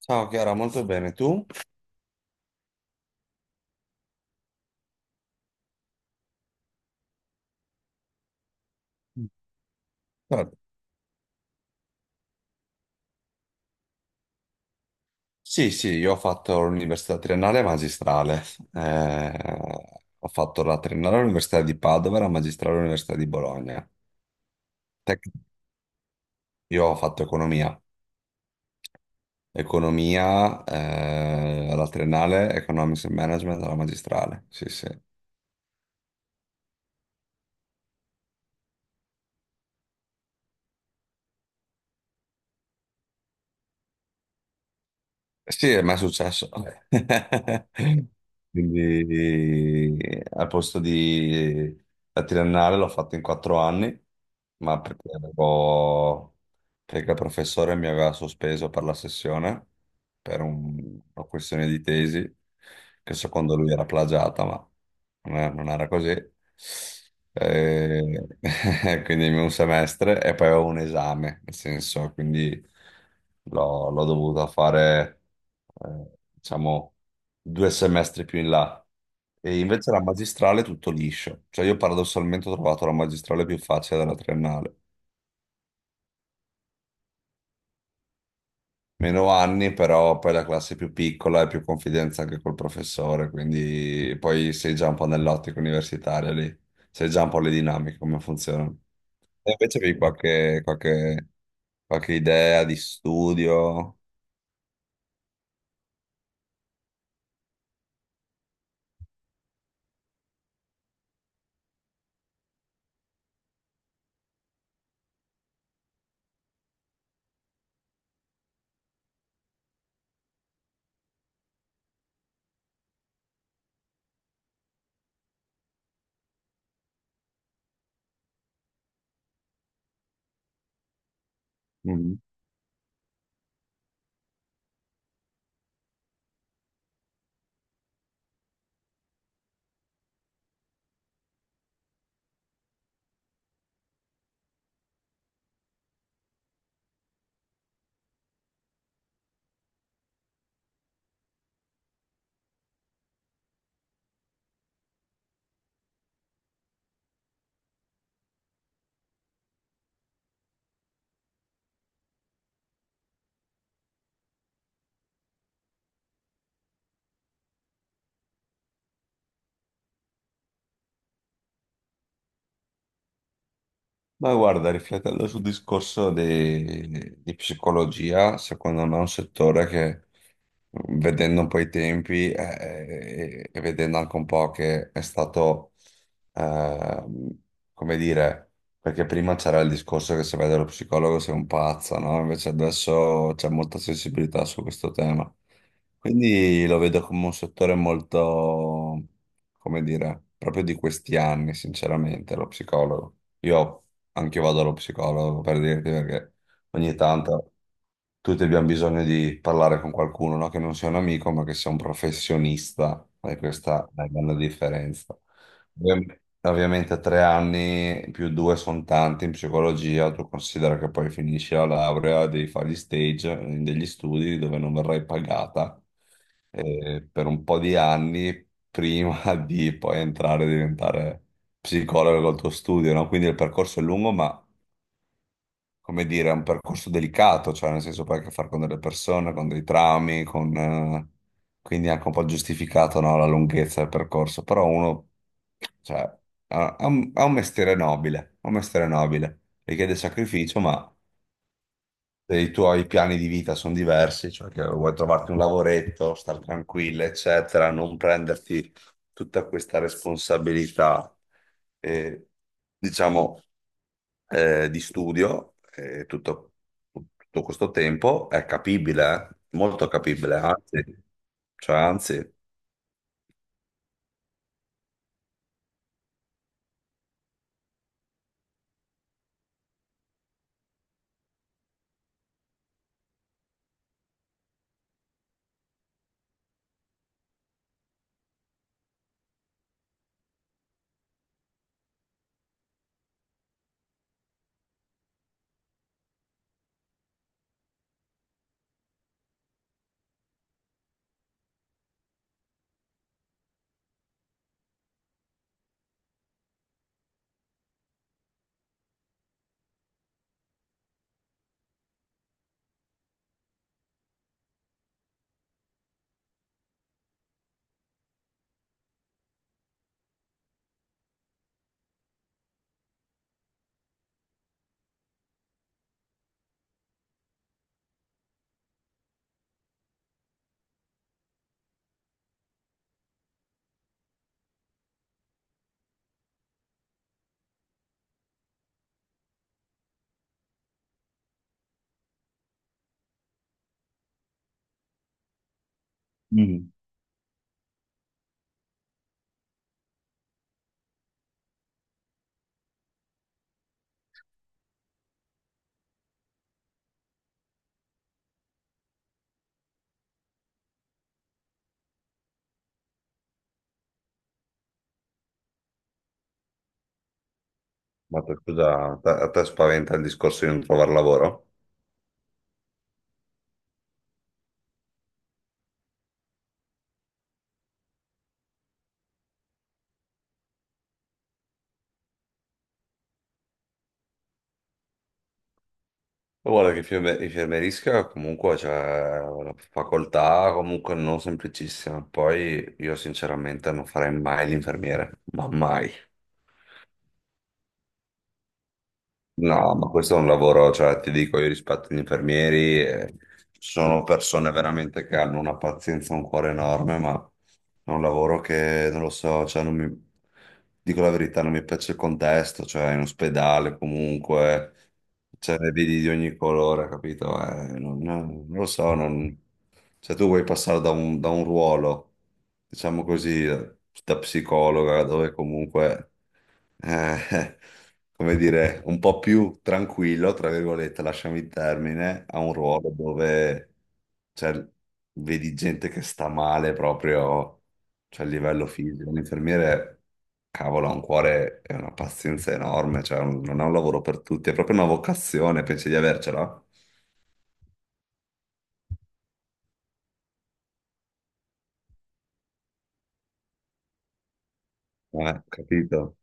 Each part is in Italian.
Ciao Chiara, molto bene. Tu? Vabbè. Sì, sì, io ho fatto l'università triennale e magistrale. Eh, Ho fatto la triennale all'Università di Padova e la magistrale all'Università di Bologna. Tec- io ho fatto economia. Economia, alla triennale, economics and management alla magistrale. Sì, sì. Sì, è mai successo. Quindi al posto di la triennale l'ho fatta in 4 anni, ma perché avevo perché il professore mi aveva sospeso per la sessione per una questione di tesi che secondo lui era plagiata, ma non era così. E- quindi un semestre e poi avevo un esame, nel senso, quindi l'ho dovuto fare, eh, diciamo, 2 semestri più in là. E invece la magistrale è tutto liscio, cioè io paradossalmente ho trovato la magistrale più facile della triennale. Meno anni, però poi la classe è più piccola e più confidenza anche col professore, quindi poi sei già un po' nell'ottica universitaria lì, sei già un po' le dinamiche, come funzionano. E invece avevi qualche idea di studio? Mhm. Ma guarda, riflettendo sul discorso di psicologia, secondo me è un settore che, vedendo un po' i tempi e vedendo anche un po' che è stato, ehm, come dire, perché prima c'era il discorso che se vede lo psicologo sei un pazzo, no? Invece adesso c'è molta sensibilità su questo tema. Quindi lo vedo come un settore molto, come dire, proprio di questi anni, sinceramente, lo psicologo. Io Anche io vado allo psicologo per dirti perché ogni tanto tutti abbiamo bisogno di parlare con qualcuno, no? Che non sia un amico, ma che sia un professionista, e questa è la grande differenza. Ovviamente 3 anni più due sono tanti in psicologia, tu considera che poi finisci la laurea, devi fare gli stage, degli studi dove non verrai pagata per un po' di anni prima di poi entrare e diventare psicologo col tuo studio, no? Quindi il percorso è lungo, ma come dire, è un percorso delicato, cioè nel senso poi hai a che fare con delle persone, con dei traumi, quindi è anche un po' giustificato, no, la lunghezza del percorso, però uno, cioè, ha un mestiere nobile, ha un mestiere nobile, richiede sacrificio, ma se i tuoi piani di vita sono diversi, cioè che vuoi trovarti un lavoretto, star tranquilla, eccetera, non prenderti tutta questa responsabilità, eh, diciamo, di studio, tutto questo tempo è capibile, eh? Molto capibile, anzi, cioè, anzi. Mm. Ma scusa, a te spaventa il discorso di non trovare lavoro? Ma guarda che infermerisca comunque c'è una facoltà comunque non semplicissima. Poi io sinceramente non farei mai l'infermiere, ma mai. No, ma questo è un lavoro, cioè ti dico, io rispetto gli infermieri, sono persone veramente che hanno una pazienza, e un cuore enorme, ma è un lavoro che non lo so, cioè non mi, dico la verità, non mi piace il contesto, cioè in ospedale comunque, cioè ne vedi di ogni colore, capito? Non lo so, non, cioè tu vuoi passare da un ruolo, diciamo così, da psicologa, dove comunque eh, come dire, un po' più tranquillo, tra virgolette, lasciami il termine, a un ruolo dove cioè, vedi gente che sta male proprio cioè, a livello fisico. Un infermiere, cavolo, ha un cuore e una pazienza enorme, cioè, non è un lavoro per tutti, è proprio una vocazione, pensi di avercela? Capito?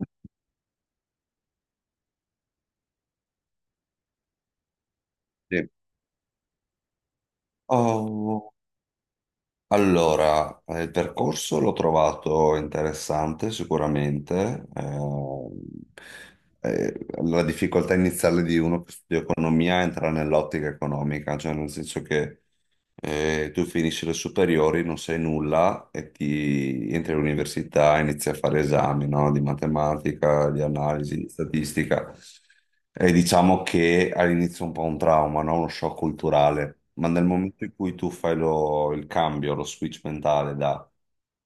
Sì. Oh, allora, il percorso l'ho trovato interessante sicuramente. La difficoltà iniziale di uno che studia economia entra nell'ottica economica, cioè nel senso che tu finisci le superiori, non sai nulla e ti entri all'università, inizi a fare esami, no? Di matematica, di analisi, di statistica. E diciamo che all'inizio è un po' un trauma, no? Uno shock culturale, ma nel momento in cui tu fai il cambio, lo switch mentale da,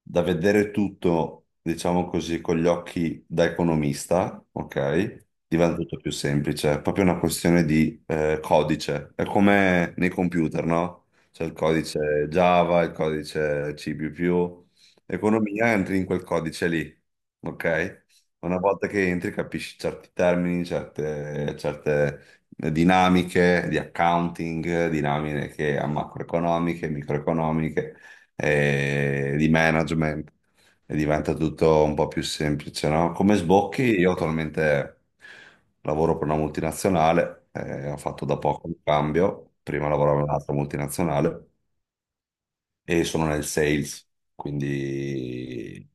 da vedere tutto, diciamo così, con gli occhi da economista, ok? Diventa tutto più semplice, è proprio una questione di codice, è come nei computer, no? C'è il codice Java, il codice C++, più più. Economia entri in quel codice lì, ok? Una volta che entri capisci certi termini, certe dinamiche di accounting, dinamiche macroeconomiche, microeconomiche, di management e diventa tutto un po' più semplice, no? Come sbocchi, io attualmente lavoro per una multinazionale, ho fatto da poco un cambio, prima lavoravo in un'altra multinazionale e sono nel sales, quindi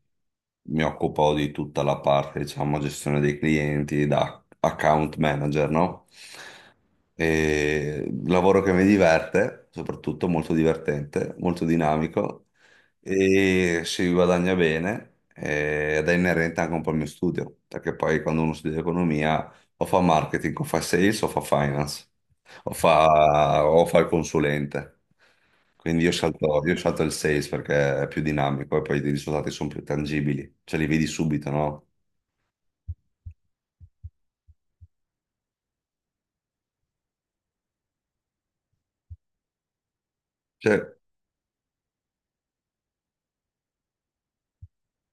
mi occupo di tutta la parte, diciamo, gestione dei clienti da account manager, no? E lavoro che mi diverte, soprattutto molto divertente, molto dinamico e si guadagna bene ed è inerente anche un po' al mio studio, perché poi quando uno studia economia o fa marketing, o fa sales, o fa finance, o fa il consulente. Quindi io scelto il sales perché è più dinamico e poi i risultati sono più tangibili, cioè li vedi subito, no? Cioè,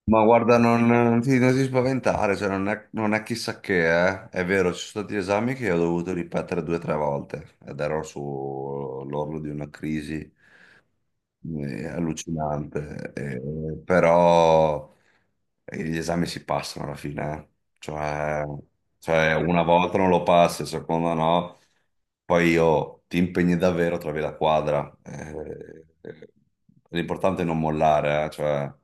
ma guarda, non ti spaventare, cioè, non è chissà che, eh. È vero, ci sono stati esami che ho dovuto ripetere 2 o 3 volte ed ero sull'orlo di una crisi. È allucinante, però gli esami si passano alla fine, eh. Cioè, cioè, una volta non lo passi, seconda no, poi io ti impegni davvero, trovi la quadra. L'importante è non mollare,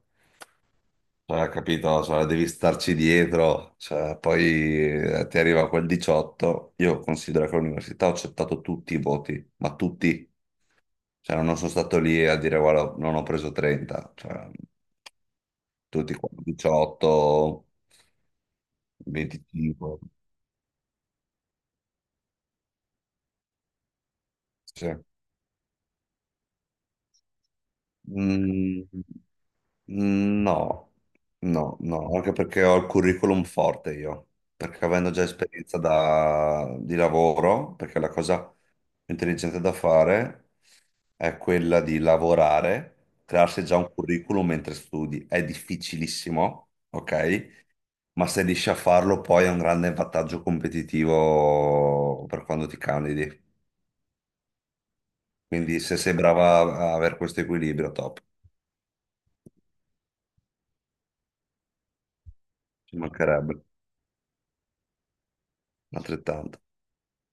cioè, capito? Cioè, devi starci dietro, cioè, poi ti arriva quel 18, io considero che all'università ho accettato tutti i voti, ma tutti. Cioè, non sono stato lì a dire, guarda, non ho preso 30, cioè, tutti qua, 18, 25. Sì. Mm, no, no, no, anche perché ho il curriculum forte io, perché avendo già esperienza di lavoro, perché la cosa più intelligente da fare è quella di lavorare, crearsi già un curriculum mentre studi. È difficilissimo, ok? Ma se riesci a farlo poi è un grande vantaggio competitivo per quando ti candidi. Quindi se sei brava a avere questo equilibrio, top, ci mancherebbe altrettanto.